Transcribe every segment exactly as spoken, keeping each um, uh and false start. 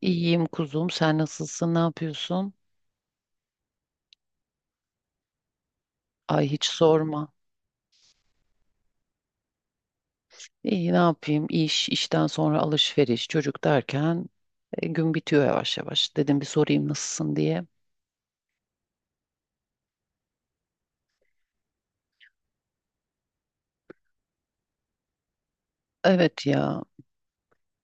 İyiyim kuzum. Sen nasılsın? Ne yapıyorsun? Ay hiç sorma. İyi ne yapayım? İş, işten sonra alışveriş, çocuk derken e, gün bitiyor yavaş yavaş. Dedim bir sorayım nasılsın diye. Evet ya.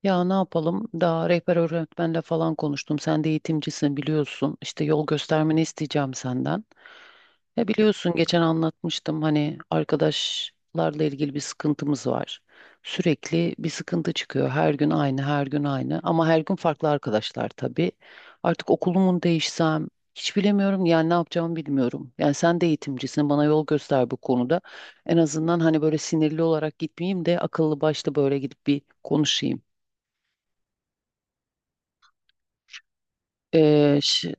Ya ne yapalım? Daha rehber öğretmenle falan konuştum. Sen de eğitimcisin biliyorsun. İşte yol göstermeni isteyeceğim senden. Ya biliyorsun geçen anlatmıştım hani arkadaşlarla ilgili bir sıkıntımız var. Sürekli bir sıkıntı çıkıyor. Her gün aynı, her gün aynı. Ama her gün farklı arkadaşlar tabii. Artık okulumun değişsem hiç bilemiyorum. Yani ne yapacağımı bilmiyorum. Yani sen de eğitimcisin. Bana yol göster bu konuda. En azından hani böyle sinirli olarak gitmeyeyim de akıllı başlı böyle gidip bir konuşayım. Ee, şi-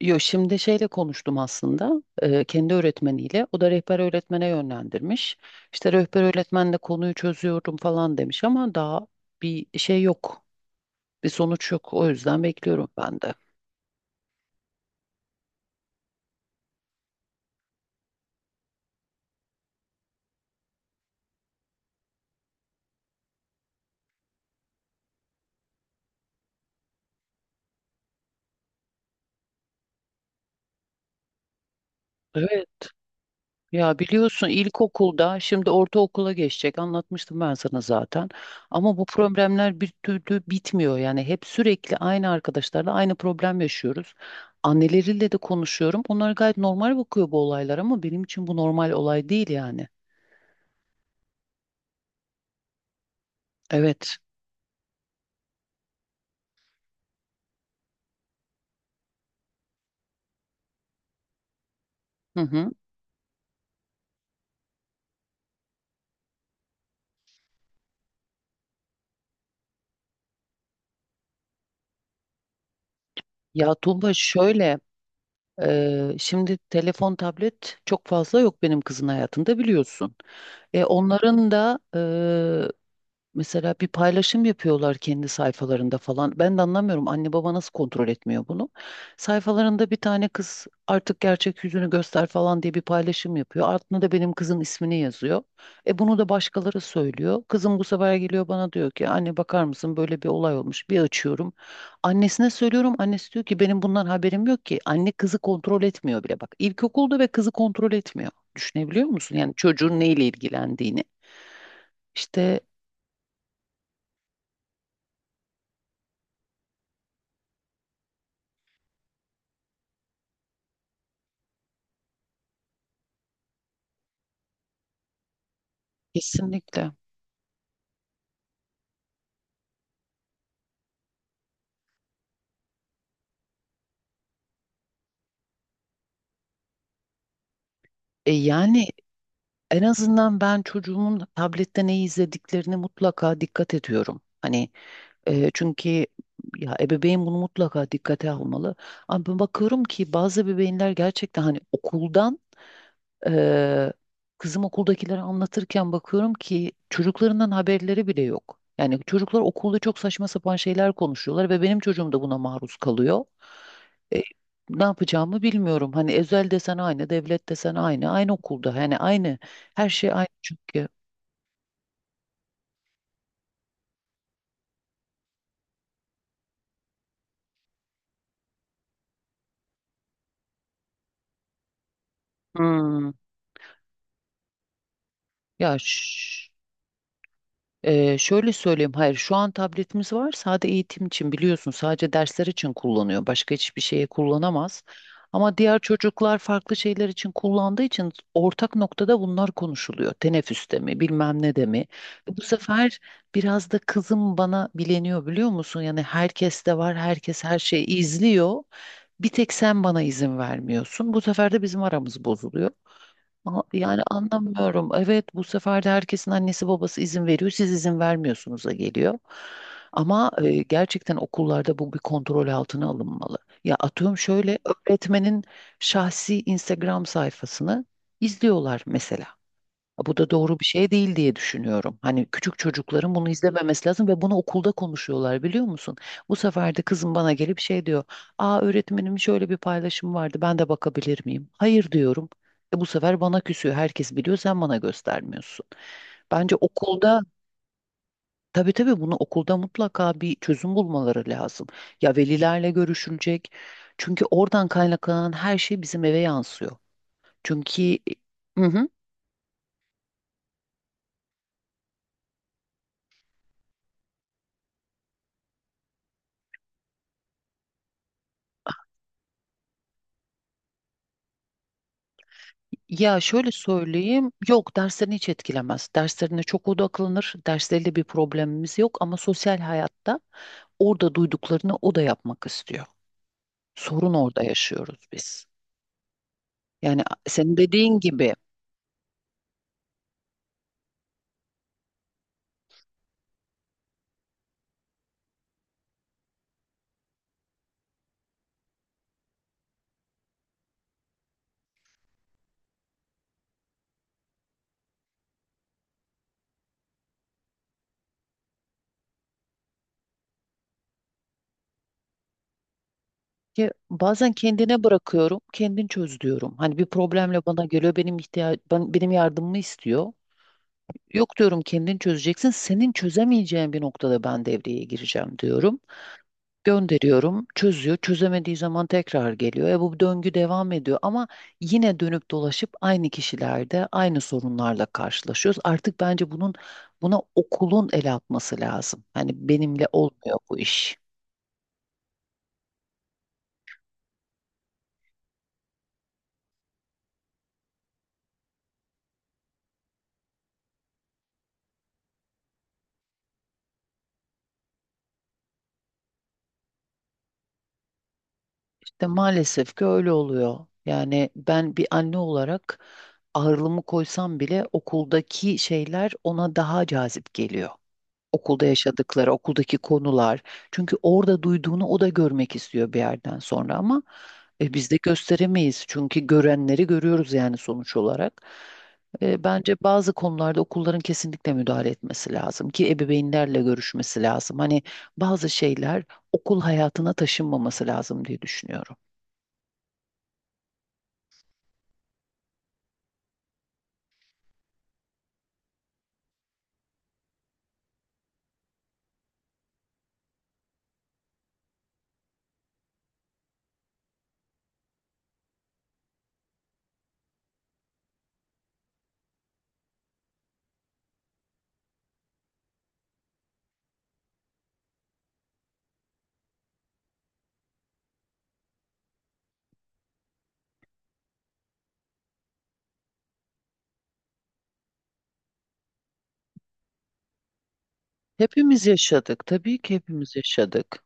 yo, Şimdi şeyle konuştum aslında, e, kendi öğretmeniyle. O da rehber öğretmene yönlendirmiş. İşte rehber öğretmenle konuyu çözüyorum falan demiş ama daha bir şey yok. Bir sonuç yok. O yüzden bekliyorum ben de. Evet. Ya biliyorsun ilkokulda şimdi ortaokula geçecek, anlatmıştım ben sana zaten. Ama bu problemler bir türlü bitmiyor yani hep sürekli aynı arkadaşlarla aynı problem yaşıyoruz. Anneleriyle de konuşuyorum. Onlar gayet normal bakıyor bu olaylar ama benim için bu normal olay değil yani. Evet. Hı hı. Ya Tuğba, şöyle, e, şimdi telefon tablet çok fazla yok benim kızın hayatında biliyorsun. E, onların da mesela bir paylaşım yapıyorlar kendi sayfalarında falan. Ben de anlamıyorum anne baba nasıl kontrol etmiyor bunu. Sayfalarında bir tane kız artık gerçek yüzünü göster falan diye bir paylaşım yapıyor. Altına da benim kızın ismini yazıyor. E bunu da başkaları söylüyor. Kızım bu sefer geliyor bana diyor ki anne bakar mısın, böyle bir olay olmuş. Bir açıyorum. Annesine söylüyorum. Annesi diyor ki benim bundan haberim yok ki. Anne kızı kontrol etmiyor bile bak. İlkokulda ve kızı kontrol etmiyor. Düşünebiliyor musun? Yani çocuğun neyle ilgilendiğini. İşte. Kesinlikle. E yani en azından ben çocuğumun tablette ne izlediklerini mutlaka dikkat ediyorum. Hani, e, çünkü ya ebeveyn bunu mutlaka dikkate almalı. Ama ben bakıyorum ki bazı ebeveynler gerçekten hani okuldan, e, kızım okuldakileri anlatırken bakıyorum ki çocuklarından haberleri bile yok. Yani çocuklar okulda çok saçma sapan şeyler konuşuyorlar ve benim çocuğum da buna maruz kalıyor. E, Ne yapacağımı bilmiyorum. Hani özel desen aynı, devlet desen aynı, aynı okulda. Yani aynı, her şey aynı çünkü. Hmm. Ya ş- E, şöyle söyleyeyim, hayır şu an tabletimiz var sadece eğitim için biliyorsun, sadece dersler için kullanıyor, başka hiçbir şeye kullanamaz. Ama diğer çocuklar farklı şeyler için kullandığı için ortak noktada bunlar konuşuluyor. Teneffüste mi, bilmem ne de mi. Bu sefer biraz da kızım bana bileniyor biliyor musun? Yani herkes de var, herkes her şeyi izliyor. Bir tek sen bana izin vermiyorsun. Bu sefer de bizim aramız bozuluyor. Ama yani anlamıyorum. Evet, bu sefer de herkesin annesi babası izin veriyor. Siz izin vermiyorsunuz'a geliyor. Ama e, gerçekten okullarda bu bir kontrol altına alınmalı. Ya atıyorum şöyle, öğretmenin şahsi Instagram sayfasını izliyorlar mesela. Bu da doğru bir şey değil diye düşünüyorum. Hani küçük çocukların bunu izlememesi lazım ve bunu okulda konuşuyorlar biliyor musun? Bu sefer de kızım bana gelip şey diyor. Aa, öğretmenim şöyle bir paylaşım vardı, ben de bakabilir miyim? Hayır diyorum. E bu sefer bana küsüyor. Herkes biliyor sen bana göstermiyorsun. Bence okulda, tabii tabii bunu okulda mutlaka bir çözüm bulmaları lazım. Ya velilerle görüşülecek. Çünkü oradan kaynaklanan her şey bizim eve yansıyor. Çünkü... e, Hı hı. Ya şöyle söyleyeyim, yok derslerini hiç etkilemez. Derslerine çok odaklanır, dersleriyle bir problemimiz yok ama sosyal hayatta orada duyduklarını o da yapmak istiyor. Sorun orada yaşıyoruz biz. Yani a- senin dediğin gibi, ki bazen kendine bırakıyorum, kendin çöz diyorum. Hani bir problemle bana geliyor, benim ihtiyaç, ben, benim yardımımı istiyor. Yok diyorum, kendin çözeceksin, senin çözemeyeceğin bir noktada ben devreye gireceğim diyorum. Gönderiyorum, çözüyor. Çözemediği zaman tekrar geliyor. E bu döngü devam ediyor ama yine dönüp dolaşıp aynı kişilerde aynı sorunlarla karşılaşıyoruz. Artık bence bunun buna okulun el atması lazım. Hani benimle olmuyor bu iş. İşte maalesef ki öyle oluyor. Yani ben bir anne olarak ağırlığımı koysam bile okuldaki şeyler ona daha cazip geliyor. Okulda yaşadıkları, okuldaki konular. Çünkü orada duyduğunu o da görmek istiyor bir yerden sonra ama e, biz de gösteremeyiz. Çünkü görenleri görüyoruz yani sonuç olarak. E, bence bazı konularda okulların kesinlikle müdahale etmesi lazım ki ebeveynlerle görüşmesi lazım. Hani bazı şeyler okul hayatına taşınmaması lazım diye düşünüyorum. Hepimiz yaşadık. Tabii ki hepimiz yaşadık.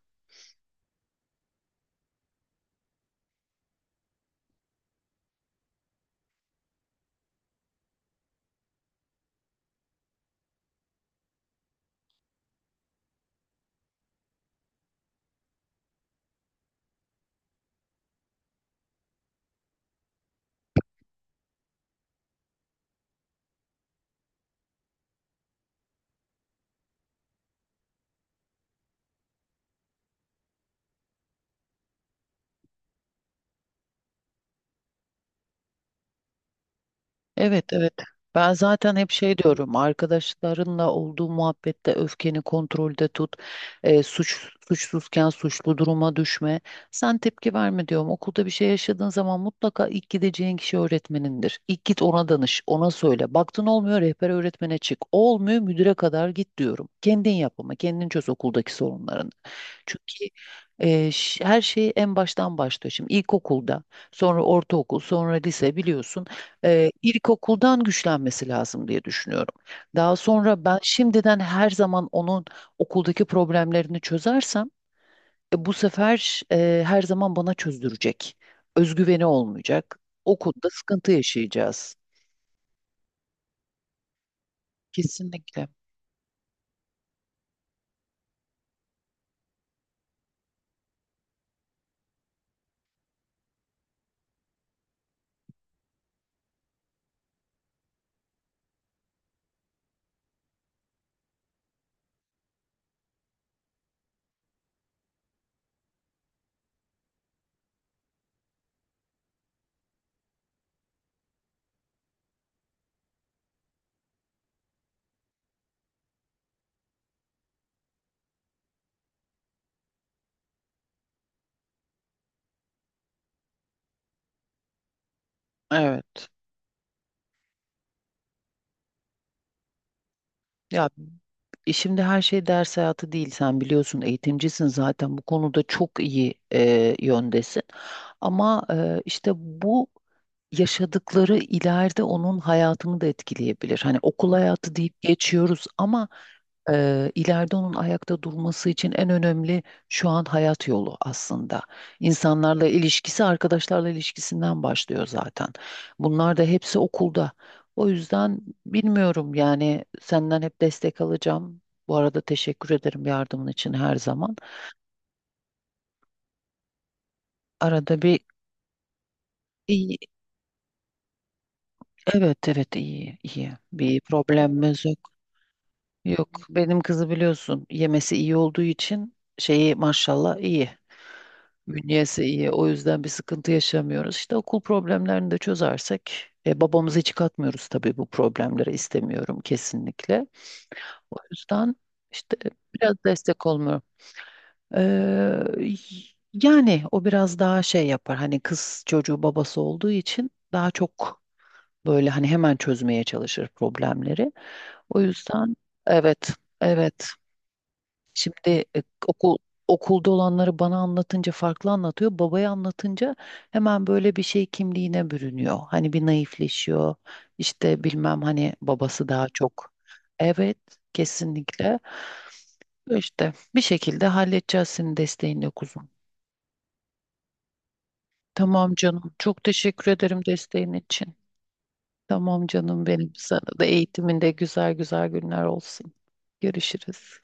Evet evet. Ben zaten hep şey diyorum, arkadaşlarınla olduğu muhabbette öfkeni kontrolde tut. E, suç suçsuzken suçlu duruma düşme. Sen tepki verme diyorum. Okulda bir şey yaşadığın zaman mutlaka ilk gideceğin kişi öğretmenindir. İlk git ona danış, ona söyle. Baktın olmuyor rehber öğretmene çık. Olmuyor müdüre kadar git diyorum. Kendin yap ama kendin çöz okuldaki sorunlarını. Çünkü e, ş- her şey en baştan başlıyor. Şimdi ilkokulda, sonra ortaokul, sonra lise biliyorsun, e, ilkokuldan güçlenmesi lazım diye düşünüyorum. Daha sonra ben şimdiden her zaman onun okuldaki problemlerini çözersem, e, bu sefer e, her zaman bana çözdürecek. Özgüveni olmayacak. Okulda sıkıntı yaşayacağız. Kesinlikle. Evet. Ya E şimdi her şey ders hayatı değil. Sen biliyorsun eğitimcisin zaten bu konuda çok iyi, e, yöndesin. Ama e, işte bu yaşadıkları ileride onun hayatını da etkileyebilir. Hani okul hayatı deyip geçiyoruz ama e, ileride onun ayakta durması için en önemli, şu an hayat yolu aslında. İnsanlarla ilişkisi, arkadaşlarla ilişkisinden başlıyor zaten. Bunlar da hepsi okulda. O yüzden bilmiyorum yani senden hep destek alacağım. Bu arada teşekkür ederim yardımın için her zaman. Arada bir iyi, evet evet, iyi iyi, bir problemimiz yok. Yok benim kızı biliyorsun yemesi iyi olduğu için şeyi maşallah iyi. Bünyesi iyi, o yüzden bir sıkıntı yaşamıyoruz. İşte okul problemlerini de çözersek, e, babamızı hiç katmıyoruz tabii bu problemlere, istemiyorum kesinlikle. O yüzden işte biraz destek olmuyor. Ee, Yani o biraz daha şey yapar. Hani kız çocuğu babası olduğu için daha çok böyle hani hemen çözmeye çalışır problemleri. O yüzden evet, evet. Şimdi e, okul okulda olanları bana anlatınca farklı anlatıyor. Babaya anlatınca hemen böyle bir şey kimliğine bürünüyor. Hani bir naifleşiyor. İşte bilmem hani babası daha çok. Evet, kesinlikle. İşte bir şekilde halledeceğiz senin desteğinle kuzum. Tamam canım. Çok teşekkür ederim desteğin için. Tamam canım benim. Sana da eğitiminde güzel güzel günler olsun. Görüşürüz.